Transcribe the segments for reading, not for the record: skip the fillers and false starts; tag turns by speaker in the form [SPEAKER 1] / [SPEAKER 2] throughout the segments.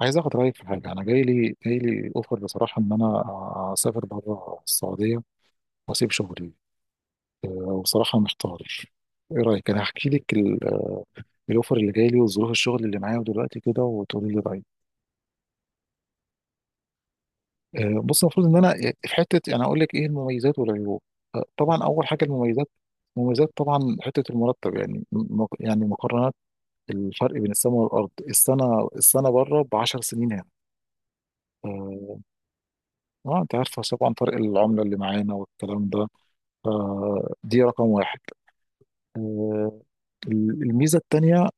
[SPEAKER 1] عايز اخد رايك في حاجه. انا جاي لي اوفر، بصراحه، ان انا اسافر بره السعوديه واسيب شغلي. وبصراحه محتار. ايه رايك؟ انا هحكي لك الاوفر اللي جاي لي وظروف الشغل اللي معايا دلوقتي كده وتقولي لي رايك. بص، المفروض ان انا يعني في حته يعني اقول لك ايه المميزات والعيوب. طبعا، اول حاجه المميزات. المميزات طبعا حته المرتب، يعني يعني مقارنات، الفرق بين السماء والارض. السنه بره ب 10 سنين هنا. أه، اه انت عارفه طبعا فرق العمله اللي معانا والكلام ده. فدي رقم واحد. آه، الميزه التانيه،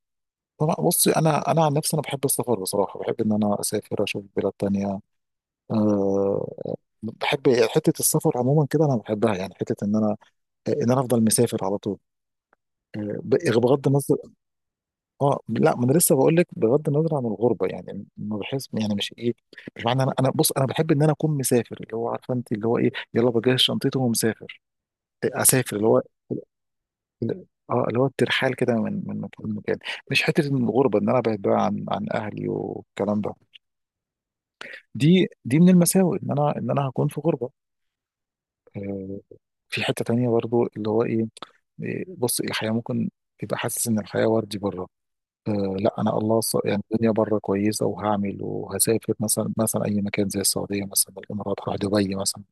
[SPEAKER 1] طبعا. بصي، انا عن نفسي انا بحب السفر، بصراحه بحب ان انا اسافر اشوف بلاد تانية. أه بحب حته السفر عموما كده، انا بحبها. يعني حته ان انا افضل مسافر على طول. بغض النظر. اه، لا، ما انا لسه بقول لك بغض النظر عن الغربه. يعني ما بحس، يعني مش ايه، مش معنى، انا بص، انا بحب ان انا اكون مسافر، اللي هو عارفه انت، اللي هو ايه، يلا بجهز شنطتي ومسافر. اسافر، اللي هو اللي هو الترحال كده من مكان لمكان. مش حته إن الغربه ان انا ابعد بقى عن اهلي والكلام ده. دي من المساوئ ان انا هكون في غربه. آه، في حته تانية برضو، اللي هو ايه؟ بص، الحياه ممكن تبقى حاسس ان الحياه وردي بره. لا، انا، الله، يعني الدنيا بره كويسه وهعمل وهسافر. مثلا اي مكان زي السعوديه، مثلا الامارات، هروح دبي مثلا،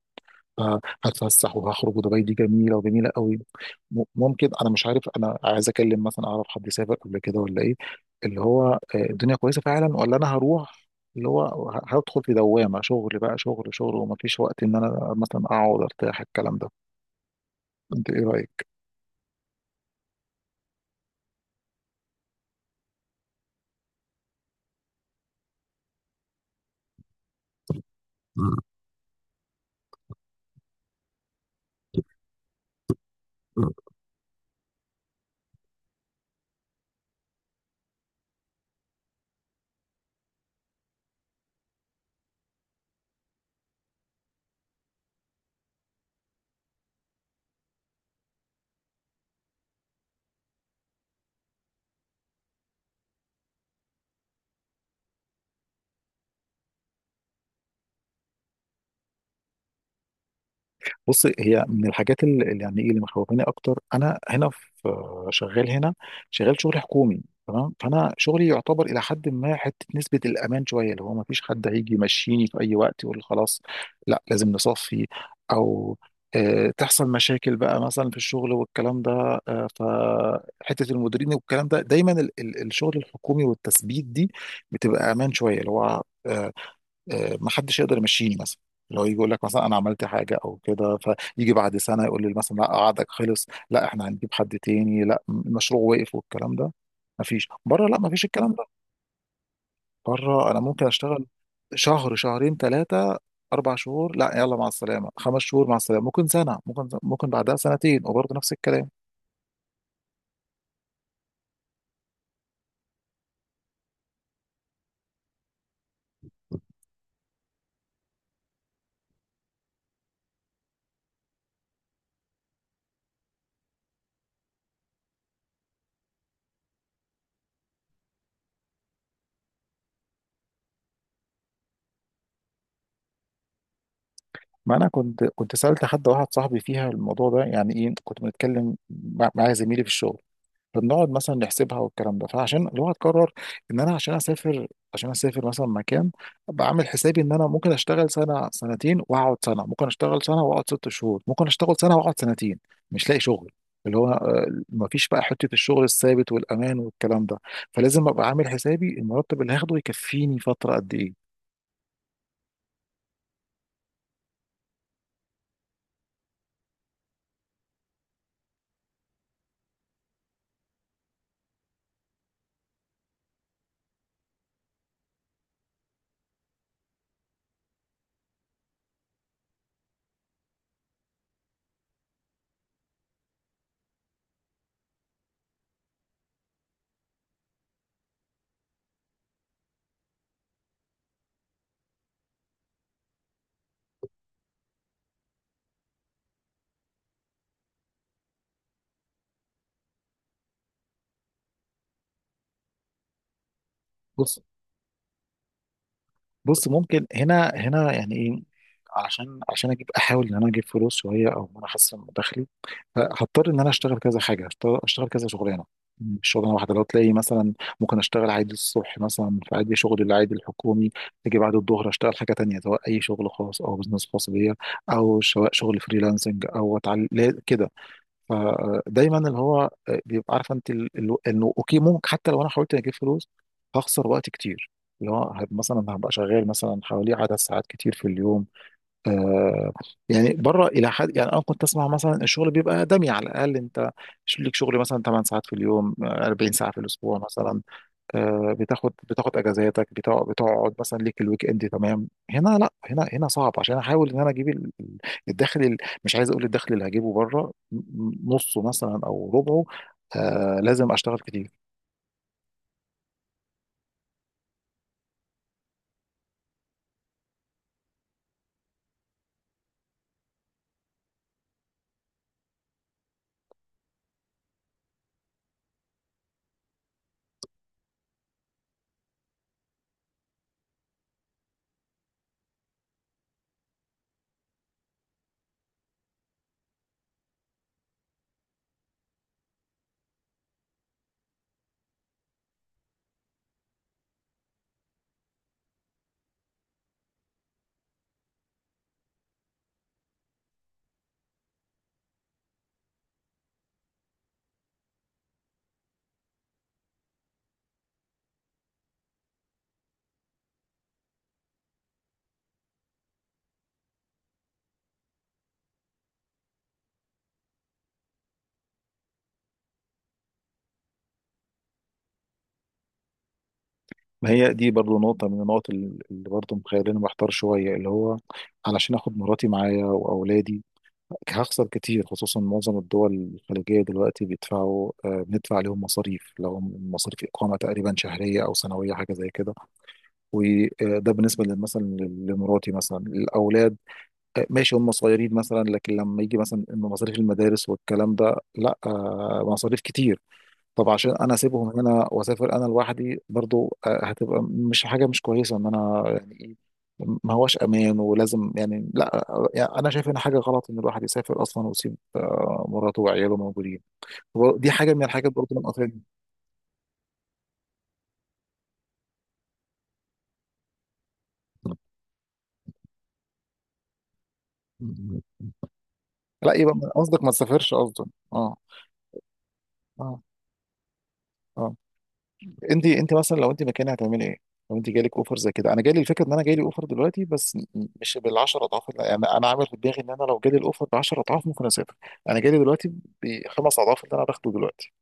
[SPEAKER 1] هتفسح وهخرج، ودبي دي جميله وجميله قوي. ممكن انا مش عارف، انا عايز اكلم مثلا، اعرف حد سافر قبل كده ولا ايه، اللي هو الدنيا كويسه فعلا ولا انا هروح، اللي هو هدخل في دوامه شغل بقى، شغل ومفيش وقت ان انا مثلا اقعد ارتاح، الكلام ده. انت ايه رايك؟ بص، هي من الحاجات اللي يعني ايه، اللي مخوفاني اكتر، انا هنا في شغال هنا، شغال شغل حكومي، تمام. فانا شغلي يعتبر الى حد ما حته نسبه الامان شويه، اللي هو ما فيش حد هيجي يمشيني في اي وقت يقول خلاص لا لازم نصفي، او تحصل مشاكل بقى مثلا في الشغل والكلام ده. فحته المديرين والكلام ده، دايما الشغل الحكومي والتثبيت دي بتبقى امان شويه، اللي هو ما حدش يقدر يمشيني مثلا، اللي هو يجي يقول لك مثلا انا عملت حاجه او كده، فيجي بعد سنه يقول لي مثلا لا عقدك خلص، لا احنا هنجيب حد تاني، لا المشروع وقف، والكلام ده. ما فيش بره لا، ما فيش الكلام ده. بره انا ممكن اشتغل شهر، شهرين، 3، 4 شهور، لا يلا مع السلامه، 5 شهور مع السلامه، ممكن سنه، ممكن بعدها سنتين، وبرضه نفس الكلام. ما انا كنت سالت حد، واحد صاحبي فيها الموضوع ده، يعني ايه، كنت بنتكلم مع زميلي في الشغل، فبنقعد مثلا نحسبها والكلام ده، فعشان اللي هو هتقرر ان انا عشان اسافر مثلا مكان، بعمل حسابي ان انا ممكن اشتغل سنه، سنتين واقعد سنه، ممكن اشتغل سنه واقعد 6 شهور، ممكن اشتغل سنه واقعد سنتين مش لاقي شغل، اللي هو ما فيش بقى حته الشغل الثابت والامان والكلام ده. فلازم ابقى عامل حسابي المرتب اللي هاخده يكفيني فتره قد ايه. بص بص ممكن هنا يعني ايه، عشان اجيب، احاول ان انا اجيب فلوس شويه او ان انا احسن من دخلي، هضطر ان انا اشتغل كذا حاجه، أشتغل كذا شغلانه مش شغلانه واحده. لو تلاقي مثلا ممكن اشتغل عادي الصبح، مثلا في عادي شغل العادي الحكومي، تيجي بعد الظهر اشتغل حاجه تانية، سواء اي شغل خاص او بزنس خاص بيا، او سواء شغل فريلانسنج او اتعلم كده. فدايما اللي هو بيبقى عارف انت انه اوكي، ممكن حتى لو انا حاولت اجيب فلوس هخسر وقت كتير، اللي هو مثلا هبقى شغال مثلا حوالي عدد ساعات كتير في اليوم. آه يعني بره الى حد، يعني انا كنت اسمع، مثلا الشغل بيبقى دمي على الاقل انت ليك شغل مثلا 8 ساعات في اليوم، 40 ساعه في الاسبوع مثلا. بتاخد اجازاتك، بتقعد مثلا ليك الويك اند، تمام. هنا لا، هنا صعب عشان احاول ان انا اجيب الدخل، مش عايز اقول الدخل اللي هجيبه بره نصه مثلا او ربعه، لازم اشتغل كتير. ما هي دي برضو نقطة من النقط، اللي برضو مخليني محتار شوية، اللي هو علشان اخد مراتي معايا واولادي هخسر كتير، خصوصا معظم الدول الخليجية دلوقتي بيدفعوا آه بندفع عليهم مصاريف. لو مصاريف اقامة تقريبا، شهرية او سنوية حاجة زي كده، وده بالنسبه مثلا لمراتي مثلا، الاولاد ماشي هم صغيرين مثلا، لكن لما يجي مثلا إن مصاريف المدارس والكلام ده لا، مصاريف كتير. طب عشان انا اسيبهم هنا واسافر انا لوحدي برضو، هتبقى مش حاجه، مش كويسه ان انا يعني ايه، ما هوش امان، ولازم يعني لا. يعني انا شايف ان حاجه غلط ان الواحد يسافر اصلا ويسيب مراته وعياله موجودين. دي حاجه من الحاجات برضو اللي مقاطعني. لا يبقى قصدك ما تسافرش قصدك. اه، اه، اه. انت مثلا لو انت مكاني هتعملي ايه؟ لو انت جالك اوفر زي كده، انا جالي الفكره ان انا جالي اوفر دلوقتي بس، مش بال 10 اضعاف، يعني انا عامل في دماغي ان انا لو جالي الاوفر ب 10 اضعاف ممكن اسافر. انا جالي دلوقتي ب5 اضعاف اللي انا باخده دلوقتي.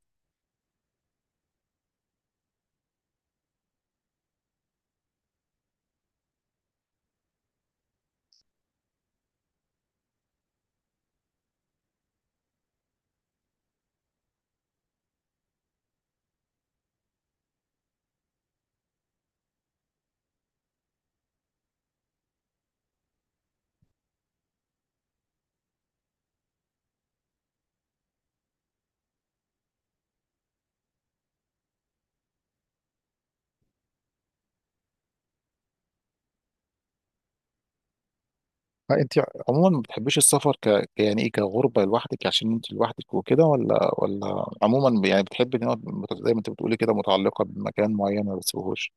[SPEAKER 1] انت عموما ما بتحبيش السفر، يعني ايه، كغربه لوحدك عشان انت لوحدك وكده، ولا عموما يعني بتحبي ان هو زي ما انت بتقولي كده، متعلقه بمكان معين ما بتسيبهوش،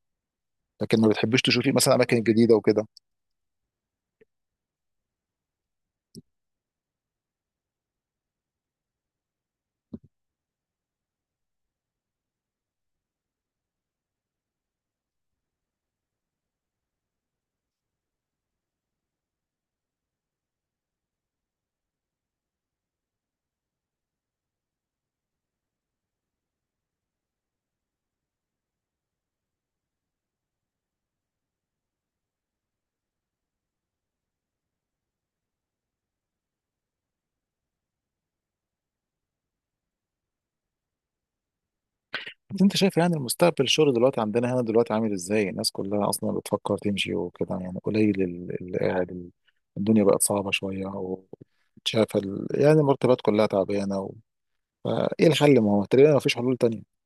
[SPEAKER 1] لكن ما بتحبيش تشوفي مثلا اماكن جديده وكده؟ انت شايف يعني المستقبل، الشغل دلوقتي عندنا هنا دلوقتي عامل ازاي؟ الناس كلها اصلا بتفكر تمشي وكده، يعني قليل اللي قاعد، الدنيا بقت صعبة شوية، وشايف يعني المرتبات كلها تعبانة فايه الحل؟ ما هو تقريبا ما فيش حلول تانية.